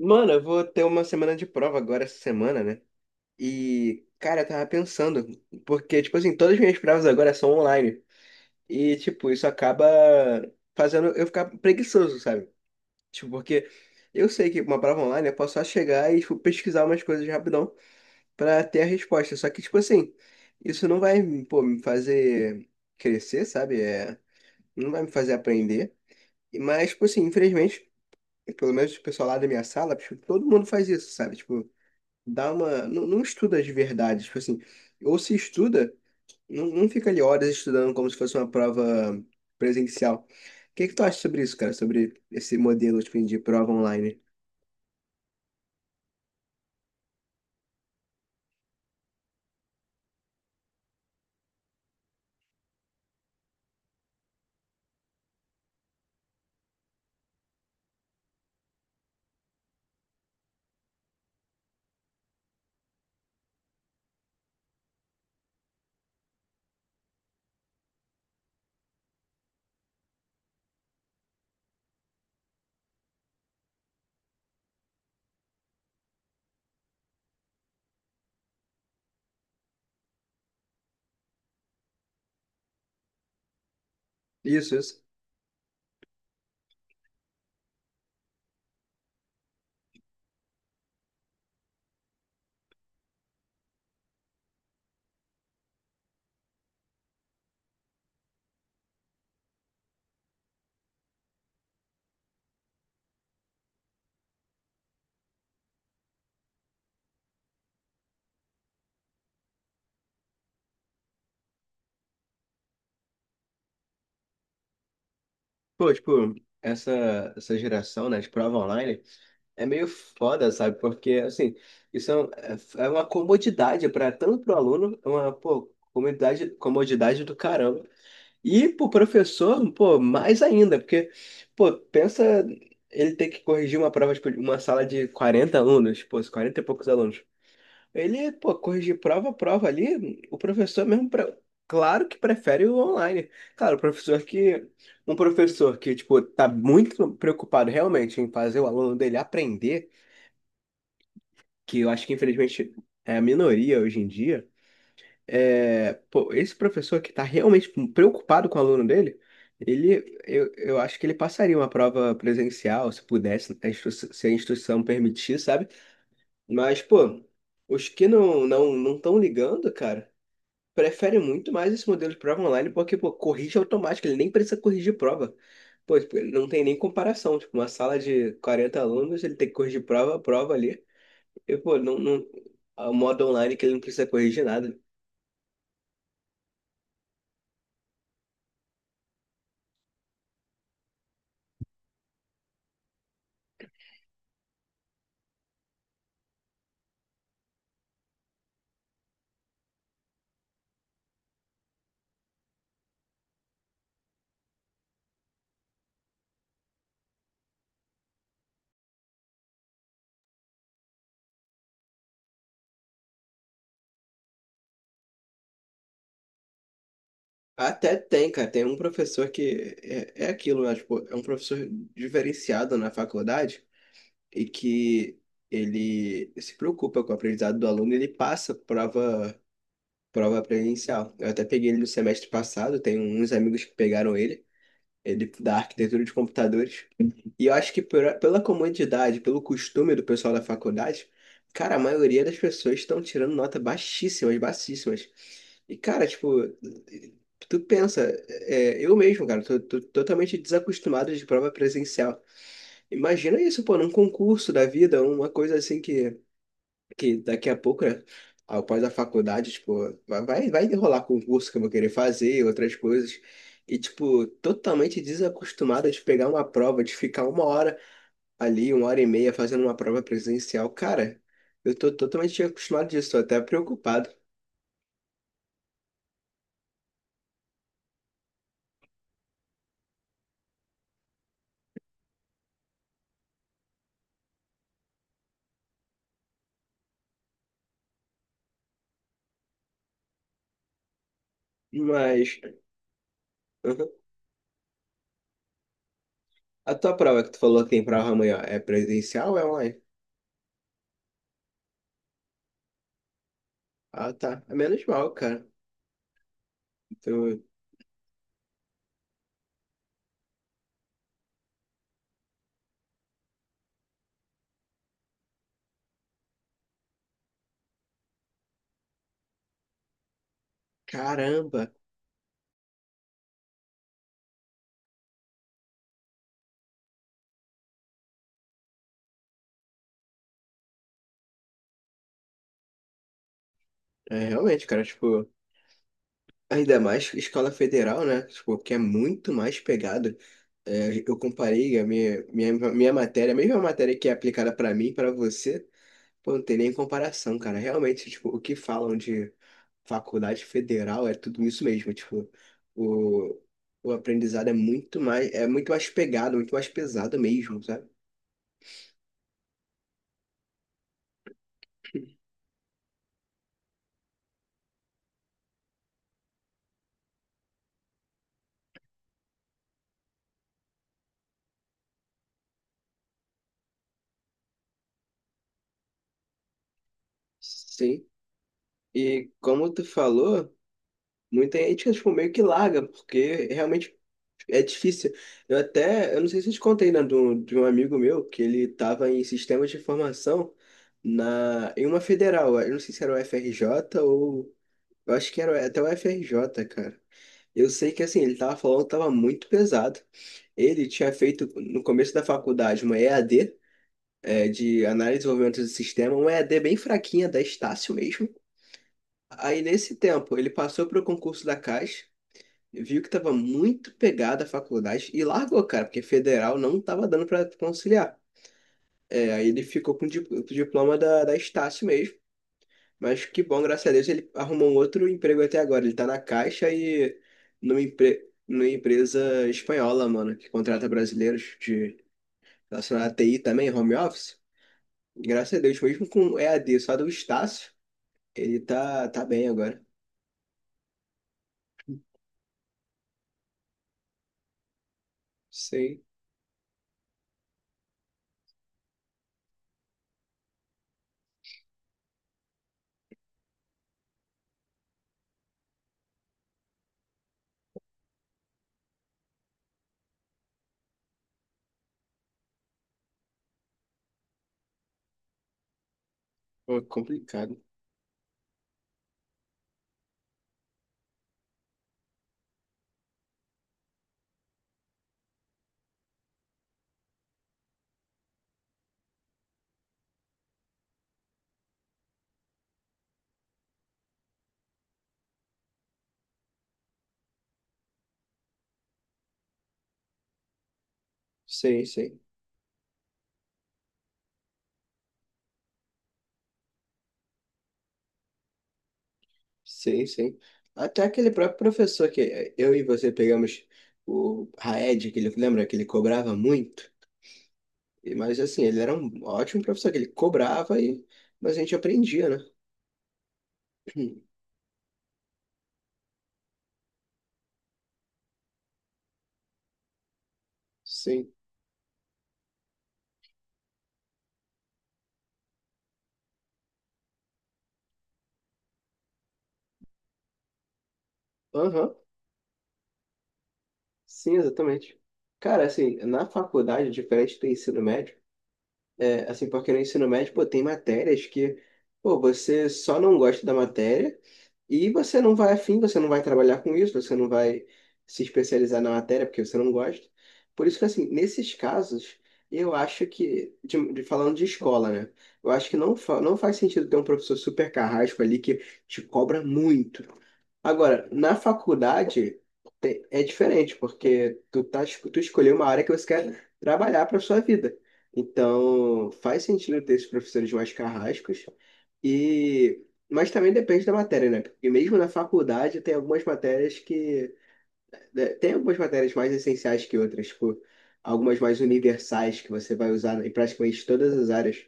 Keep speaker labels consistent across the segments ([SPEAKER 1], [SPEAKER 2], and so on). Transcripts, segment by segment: [SPEAKER 1] Mano, eu vou ter uma semana de prova agora essa semana, né? E, cara, eu tava pensando, porque, tipo assim, todas as minhas provas agora são online. E, tipo, isso acaba fazendo eu ficar preguiçoso, sabe? Tipo, porque eu sei que uma prova online eu posso só chegar e, tipo, pesquisar umas coisas rapidão pra ter a resposta. Só que, tipo assim, isso não vai, pô, me fazer crescer, sabe? É, não vai me fazer aprender. Mas, tipo assim, infelizmente, pelo menos o pessoal lá da minha sala, tipo, todo mundo faz isso, sabe? Tipo, dá uma. Não, não estuda de verdade, tipo assim. Ou se estuda, não, não fica ali horas estudando como se fosse uma prova presencial. O que que tu acha sobre isso, cara? Sobre esse modelo, tipo, de prova online? Isso, isso. Pô, tipo, essa geração, né, de prova online. É meio foda, sabe? Porque, assim, isso é, é uma comodidade para tanto pro aluno, é uma, pô, comodidade, comodidade do caramba. E pro professor, pô, mais ainda, porque, pô, pensa ele ter que corrigir uma prova, tipo, de uma sala de 40 alunos, pô, 40 e poucos alunos. Ele, pô, corrigir prova a prova ali, o professor mesmo, claro que prefere o online. Claro, o professor que, um professor que, tipo, tá muito preocupado realmente em fazer o aluno dele aprender, que eu acho que infelizmente é a minoria hoje em dia, é, pô, esse professor que está realmente preocupado com o aluno dele, eu acho que ele passaria uma prova presencial, se pudesse, se a instituição permitir, sabe? Mas, pô, os que não estão ligando, cara, preferem muito mais esse modelo de prova online porque, pô, corrige automático, ele nem precisa corrigir prova. Pô, tipo, ele não tem nem comparação, tipo, uma sala de 40 alunos, ele tem que corrigir prova, prova ali, e, pô, não, não, o modo online que ele não precisa corrigir nada. Até tem, cara. Tem um professor que é aquilo, né? Tipo, é um professor diferenciado na faculdade e que ele se preocupa com o aprendizado do aluno e ele passa prova, prova presencial. Eu até peguei ele no semestre passado, tem uns amigos que pegaram ele, da arquitetura de computadores. E eu acho que pela comodidade, pelo costume do pessoal da faculdade, cara, a maioria das pessoas estão tirando nota baixíssimas, baixíssimas. E, cara, tipo, tu pensa, é, eu mesmo, cara, tô totalmente desacostumado de prova presencial. Imagina isso, pô, num concurso da vida, uma coisa assim que daqui a pouco, né, após a faculdade, tipo, vai rolar concurso que eu vou querer fazer, outras coisas. E, tipo, totalmente desacostumada de pegar uma prova, de ficar uma hora ali, uma hora e meia fazendo uma prova presencial. Cara, eu tô totalmente acostumado disso, tô até preocupado. Mas, uhum. A tua prova que tu falou que tem prova amanhã é presencial ou é online? Ah, tá. É menos mal, cara. Então, caramba. É, realmente, cara, tipo. Ainda mais escola federal, né? Tipo, que é muito mais pegado. É, eu comparei a minha matéria, a mesma matéria que é aplicada para mim, para você, pô, não tem nem comparação, cara. Realmente, tipo, o que falam de faculdade federal é tudo isso mesmo. Tipo, o, o aprendizado é muito mais pegado, muito mais pesado mesmo, sabe? Sim. E como tu falou, muita gente, tipo, meio que larga, porque realmente é difícil. Eu não sei se eu te contei, né, de um amigo meu que ele estava em sistemas de informação em uma federal. Eu não sei se era o FRJ ou. Eu acho que era até o FRJ, cara. Eu sei que assim, ele tava falando que tava muito pesado. Ele tinha feito no começo da faculdade uma EAD de análise e desenvolvimento de sistema, uma EAD bem fraquinha da Estácio mesmo. Aí nesse tempo ele passou para o concurso da Caixa, viu que tava muito pegada a faculdade e largou, cara, porque federal não tava dando pra conciliar. É, aí ele ficou com o o diploma da Estácio mesmo. Mas que bom, graças a Deus, ele arrumou um outro emprego até agora. Ele tá na Caixa e numa empresa espanhola, mano, que contrata brasileiros de relacionado à TI também, home office. E graças a Deus, mesmo com EAD só do Estácio, ele tá bem agora. Sei, pô, complicado. Sei, sei. Sim, sim. Até aquele próprio professor que eu e você pegamos o Raed, que ele lembra que ele cobrava muito. Mas assim, ele era um ótimo professor, que ele cobrava e mas a gente aprendia, né? Sim. Aham. Sim, exatamente. Cara, assim, na faculdade, diferente do ensino médio, é, assim, porque no ensino médio, pô, tem matérias que, pô, você só não gosta da matéria e você não vai afim, você não vai trabalhar com isso, você não vai se especializar na matéria porque você não gosta. Por isso que, assim, nesses casos, eu acho que, falando de escola, né? Eu acho que não faz sentido ter um professor super carrasco ali que te cobra muito. Agora, na faculdade é diferente, porque tu escolheu uma área que você quer trabalhar para sua vida. Então, faz sentido ter esses professores mais carrascos. E, mas também depende da matéria, né? Porque mesmo na faculdade tem algumas matérias, né? Tem algumas matérias mais essenciais que outras, tipo, algumas mais universais que você vai usar em praticamente todas as áreas,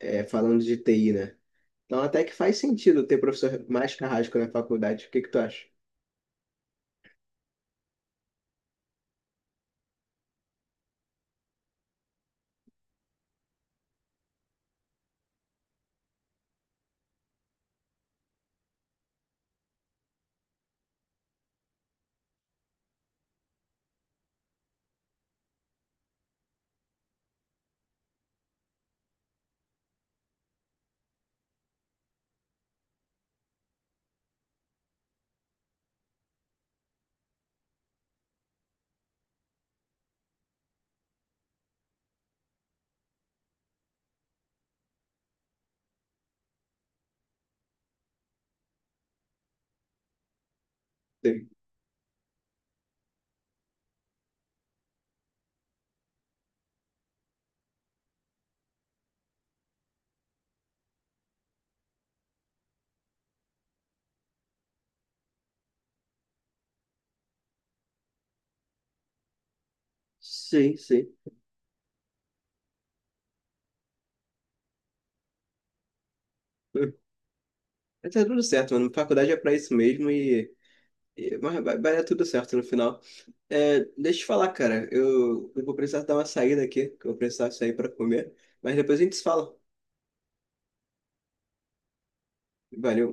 [SPEAKER 1] é, falando de TI, né? Então, até que faz sentido ter professor mais carrasco na faculdade. O que que tu acha? Sim, sim. Mas tá tudo certo, mano. Faculdade é pra isso mesmo mas vai dar tudo certo no final. É, deixa eu te falar, cara. Eu vou precisar dar uma saída aqui, que eu vou precisar sair pra comer. Mas depois a gente se fala. Valeu.